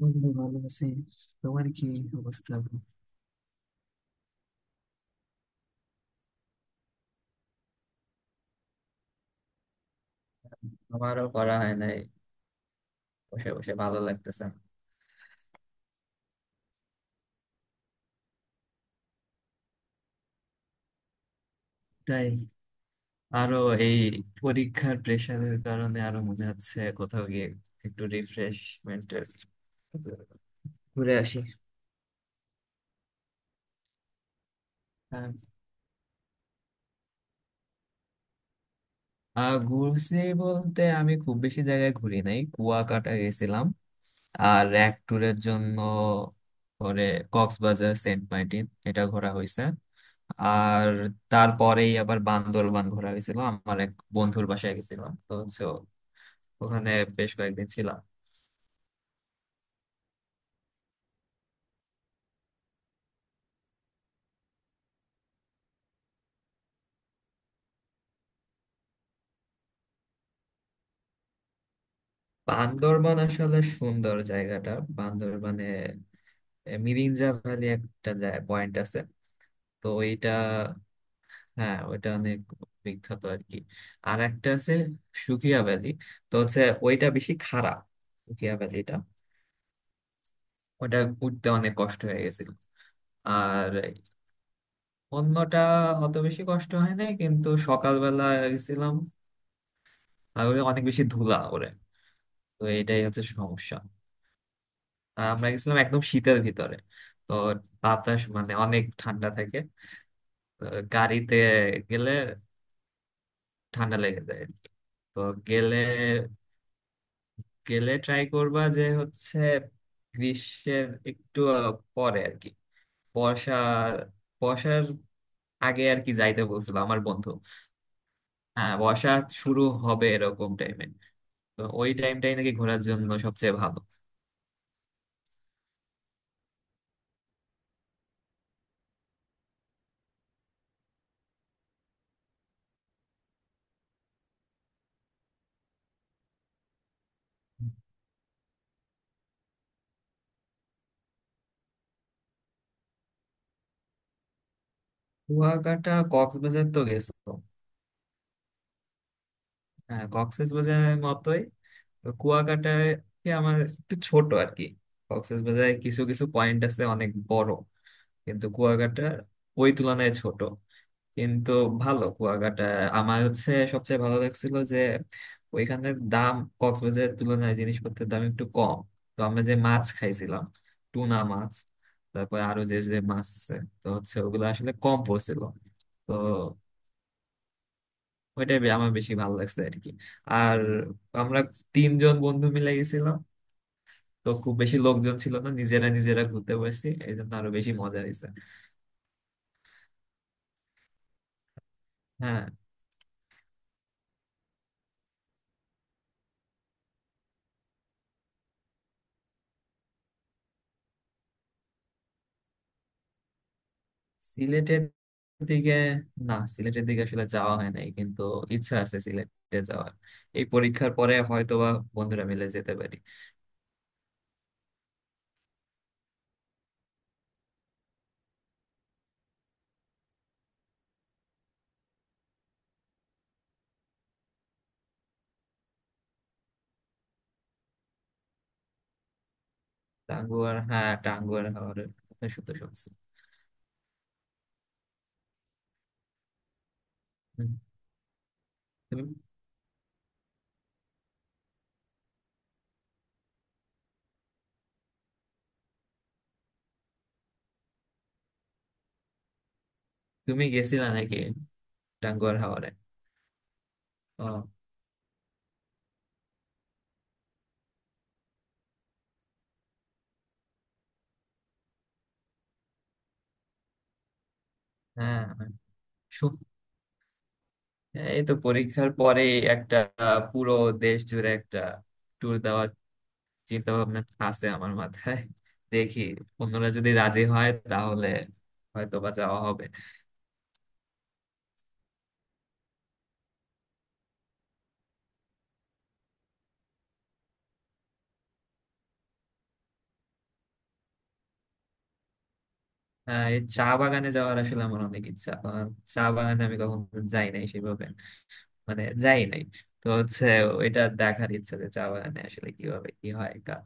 বন্ধু, ভালো আছি। তোমার কি অবস্থা? আমারও করা হয় নাই। বসে বসে ভালো লাগতেছে না। তাই আরো, এই পরীক্ষার প্রেশারের কারণে আরো মনে হচ্ছে কোথাও গিয়ে একটু রিফ্রেশমেন্টের ঘুরে আসি। হ্যাঁ, ঘুরছি বলতে আমি খুব বেশি জায়গায় ঘুরি নাই। কুয়াকাটা গেছিলাম আর এক ট্যুরের জন্য। পরে কক্সবাজার, সেন্ট মার্টিন এটা ঘোরা হয়েছে। আর তারপরেই আবার বান্দরবান ঘোরা হয়েছিল। আমার এক বন্ধুর বাসায় গেছিলাম, তো হচ্ছে ওখানে বেশ কয়েকদিন ছিলাম। বান্দরবান আসলে সুন্দর জায়গাটা। বান্দরবানে মিরিঞ্জা ভ্যালি একটা পয়েন্ট আছে। তো ওইটা, হ্যাঁ ওইটা অনেক বিখ্যাত আর কি। আর একটা আছে, সুকিয়া ভ্যালি। তো হচ্ছে ওইটা বেশি খাড়া, সুকিয়া ভ্যালিটা। ওটা উঠতে অনেক কষ্ট হয়ে গেছিল। আর অন্যটা অত বেশি কষ্ট হয় নাই, কিন্তু সকালবেলা গেছিলাম আর ওই অনেক বেশি ধুলা ওরে, তো এটাই হচ্ছে সমস্যা। আর আমরা গেছিলাম একদম শীতের ভিতরে, তো বাতাস মানে অনেক ঠান্ডা থাকে। তো গাড়িতে গেলে ঠান্ডা লেগে যায় আর কি। তো গেলে গেলে ট্রাই করবা যে হচ্ছে গ্রীষ্মের একটু পরে আর কি, বর্ষা, বর্ষার আগে আর কি যাইতে বলছিল আমার বন্ধু। হ্যাঁ, বর্ষা শুরু হবে এরকম টাইমে। তো ওই টাইমটাই নাকি ঘোরার জন্য সবচেয়ে ভালো। কুয়াকাটা, কক্সবাজার তো গেছো। হ্যাঁ, কক্সেস বাজারের মতোই। তো কুয়াকাটায় কি, আমার একটু ছোট আর কি। কক্সেস বাজারে কিছু কিছু পয়েন্ট আছে অনেক বড়, কিন্তু কুয়াকাটা ওই তুলনায় ছোট। কিন্তু ভালো কুয়াকাটা। আমার হচ্ছে সবচেয়ে ভালো লাগছিল যে ওইখানের দাম, কক্সবাজারের তুলনায় জিনিসপত্রের দাম একটু কম। তো আমরা যে মাছ খাইছিলাম, টুনা মাছ, তারপরে আরো যে যে মাছ আছে, তো হচ্ছে ওগুলো আসলে কম পড়ছিল। তো ওইটাই আমার বেশি ভালো লাগছে আর কি। আর আমরা তিনজন বন্ধু মিলে গেছিলাম, তো খুব বেশি লোকজন ছিল না, নিজেরা নিজেরা ঘুরতে পারছি, এই জন্য আরো বেশি মজা হয়েছে। হ্যাঁ, সিলেটের দিকে? না, সিলেটের দিকে আসলে যাওয়া হয় নাই, কিন্তু ইচ্ছা আছে সিলেটে যাওয়ার। এই পরীক্ষার পরে হয়তোবা বন্ধুরা মিলে যেতে পারি। হ্যাঁ, টাঙ্গুয়ার হাওরে কথা শুনতে শুনছি। হুম। তুমি তুমি গেছিলা নাকি টাঙ্গুয়ার হাওরে? ও হ্যাঁ, হ্যাঁ। হ্যাঁ, এই তো পরীক্ষার পরে একটা পুরো দেশ জুড়ে একটা ট্যুর দেওয়ার চিন্তা ভাবনা আছে আমার মাথায়। দেখি, অন্যরা যদি রাজি হয় তাহলে হয়তো বা যাওয়া হবে। এই চা বাগানে যাওয়ার আসলে আমার অনেক ইচ্ছা। চা বাগানে আমি কখনো যাই নাই সেভাবে, মানে যাই নাই। তো হচ্ছে ওইটা দেখার ইচ্ছা, যে চা বাগানে আসলে কিভাবে কি হয় কাজ।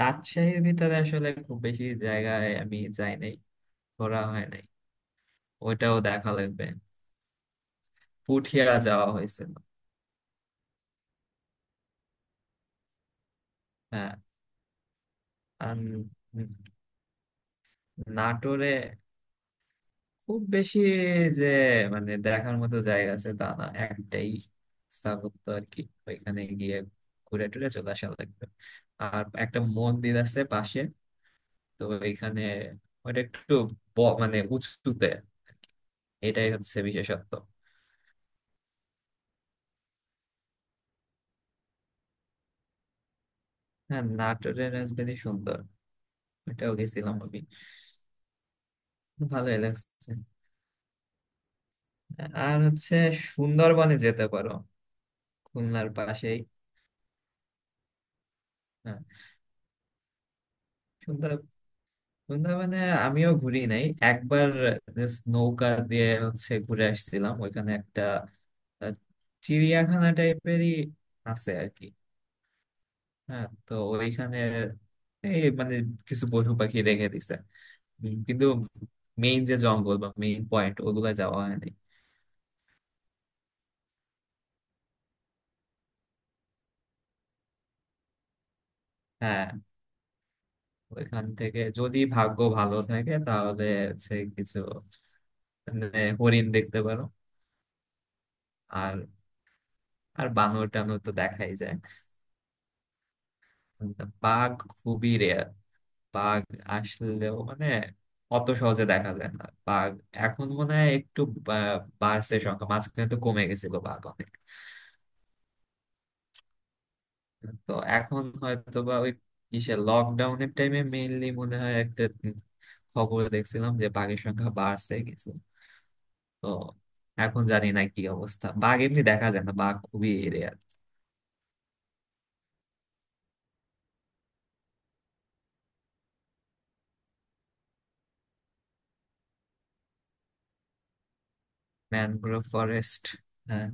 রাজশাহীর ভিতরে আসলে খুব বেশি জায়গায় আমি যাই নাই, ঘোরা হয় নাই, ওইটাও দেখা লাগবে। পুঠিয়া যাওয়া হয়েছিল। হ্যাঁ। আর নাটোরে খুব বেশি যে মানে দেখার মতো জায়গা আছে তা না, একটাই স্থাপত্য আর কি। ওইখানে গিয়ে ঘুরে টুরে চলে আসা লাগবে। আর একটা মন্দির আছে পাশে, তো ওইখানে। ওটা একটু মানে উঁচুতে আর কি। এটাই হচ্ছে বিশেষত্ব। হ্যাঁ, নাটোরের রাজবাড়ি সুন্দর, ওটাও গেছিলাম আমি। ভালোই লাগছে। আর হচ্ছে সুন্দরবনে যেতে পারো, খুলনার পাশেই। হ্যাঁ, বৃন্দাবনে আমিও ঘুরি নাই। একবার just নৌকা দিয়ে হচ্ছে ঘুরে আসছিলাম ওইখানে, একটা আহ, চিড়িয়াখানা টাইপেরই আছে আর কি। হ্যাঁ, তো ওইখানে এই মানে কিছু পশু পাখি রেখে দিছে, কিন্তু মেইন যে জঙ্গল বা মেইন পয়েন্ট ওগুলা যাওয়া হয়নি। হ্যাঁ, ওইখান থেকে যদি ভাগ্য ভালো থাকে তাহলে হচ্ছে কিছু, মানে হরিণ দেখতে পারো। আর আর বানর টানর তো দেখাই যায়। বাঘ খুবই রেয়ার। বাঘ আসলেও মানে অত সহজে দেখা যায় না। বাঘ এখন মনে হয় একটু বা- বাড়ছে সংখ্যা, মাঝখানে তো কমে গেছিল বাঘ অনেক। তো এখন হয়তো বা ওই কিসে লকডাউনের টাইমে মেইনলি মনে হয় একটা খবর দেখছিলাম যে বাঘের সংখ্যা বাড়ছে কিছু। তো এখন জানি না কি অবস্থা, বাঘ এমনি দেখা যায় না, বাঘ খুবই এরিয়া। Mangrove forest. হ্যাঁ।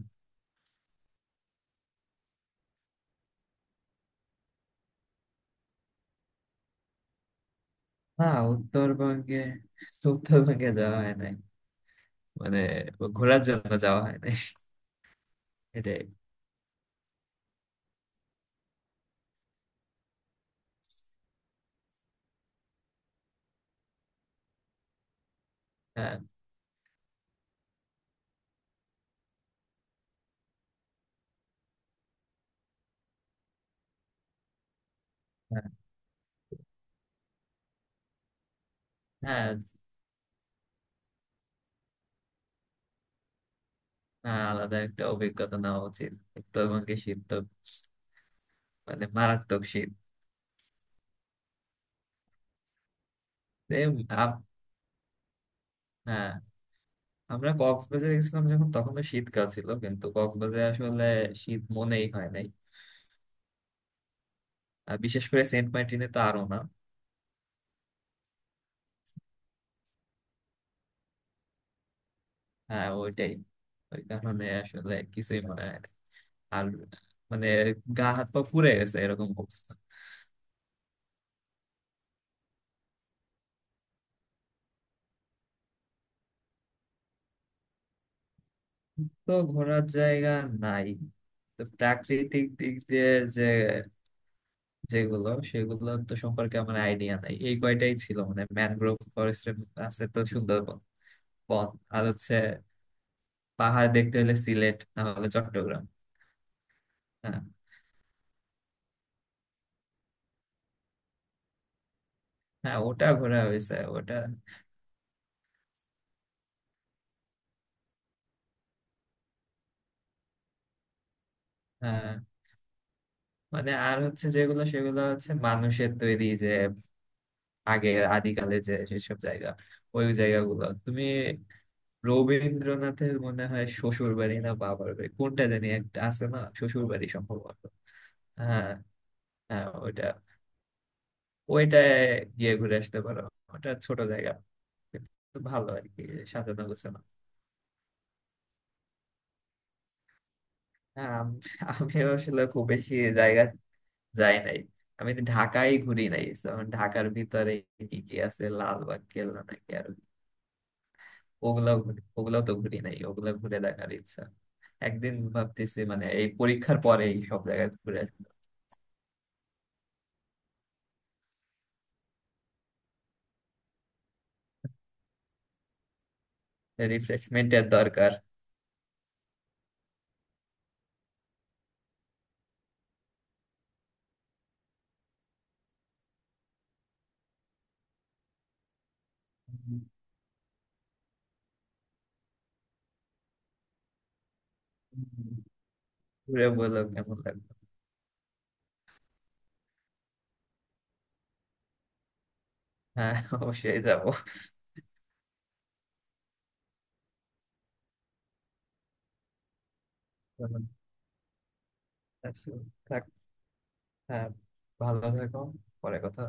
না, উত্তরবঙ্গে উত্তরবঙ্গে যাওয়া হয় নাই, মানে ঘোরার জন্য যাওয়া হয় নাই। এটাই। হ্যাঁ, হ্যাঁ, হ্যাঁ, আলাদা একটা অভিজ্ঞতা নেওয়া উচিত। উত্তরবঙ্গে শীত তো মানে মারাত্মক শীত। এই আপ- হ্যাঁ, আমরা কক্সবাজারে গেছিলাম যখন, তখন তো শীতকাল ছিল, কিন্তু কক্সবাজারে আসলে শীত মনেই হয় নাই। আর বিশেষ করে সেন্ট মার্টিনে তো আরো না। হ্যাঁ, ওইটাই, ওই কারণে আসলে কিছুই মনে হয় না। আর মানে গা হাত পা পুড়ে গেছে এরকম অবস্থা। তো ঘোরার জায়গা নাই, তো প্রাকৃতিক দিক দিয়ে যে যেগুলো সেগুলো তো সম্পর্কে আমার আইডিয়া নাই। এই কয়টাই ছিল মানে ম্যানগ্রোভ ফরেস্ট আছে, তো সুন্দরবন বন। আর হচ্ছে পাহাড় দেখতে হলে সিলেট না হলে চট্টগ্রাম। হ্যাঁ, হ্যাঁ, ওটা ঘোরা হয়েছে ওটা। হ্যাঁ মানে আর হচ্ছে যেগুলো সেগুলো হচ্ছে মানুষের তৈরি, যে আগে আদিকালে যে যেসব জায়গা, ওই জায়গাগুলো তুমি। রবীন্দ্রনাথের মনে হয় শ্বশুর বাড়ি না বাবার বাড়ি, কোনটা জানি একটা আছে না, শ্বশুর বাড়ি সম্ভবত। হ্যাঁ, হ্যাঁ, ওটা ওইটায় গিয়ে ঘুরে আসতে পারো। ওটা ছোট জায়গা, কিন্তু ভালো আর কি, সাজানো গোছানো। হ্যাঁ, আমি আসলে খুব বেশি জায়গা যাই নাই। আমি তো ঢাকায় ঘুরি নাই। So, আমি ঢাকার ভিতরে কি কি আছে, লালবাগ কেল্লা নাকি আর ওগুলাও ওগুলাও তো ঘুরি নাই। ওগুলা ঘুরে দেখার ইচ্ছা, একদিন ভাবতেছি মানে এই পরীক্ষার পরে এই সব জায়গায় ঘুরে আসবো। রিফ্রেশমেন্টের দরকার। উম, ঘুরে বলো কেমন লাগবে। হ্যাঁ, অবশ্যই যাবো। হ্যাঁ, ভালো থাকো। পরে কথা।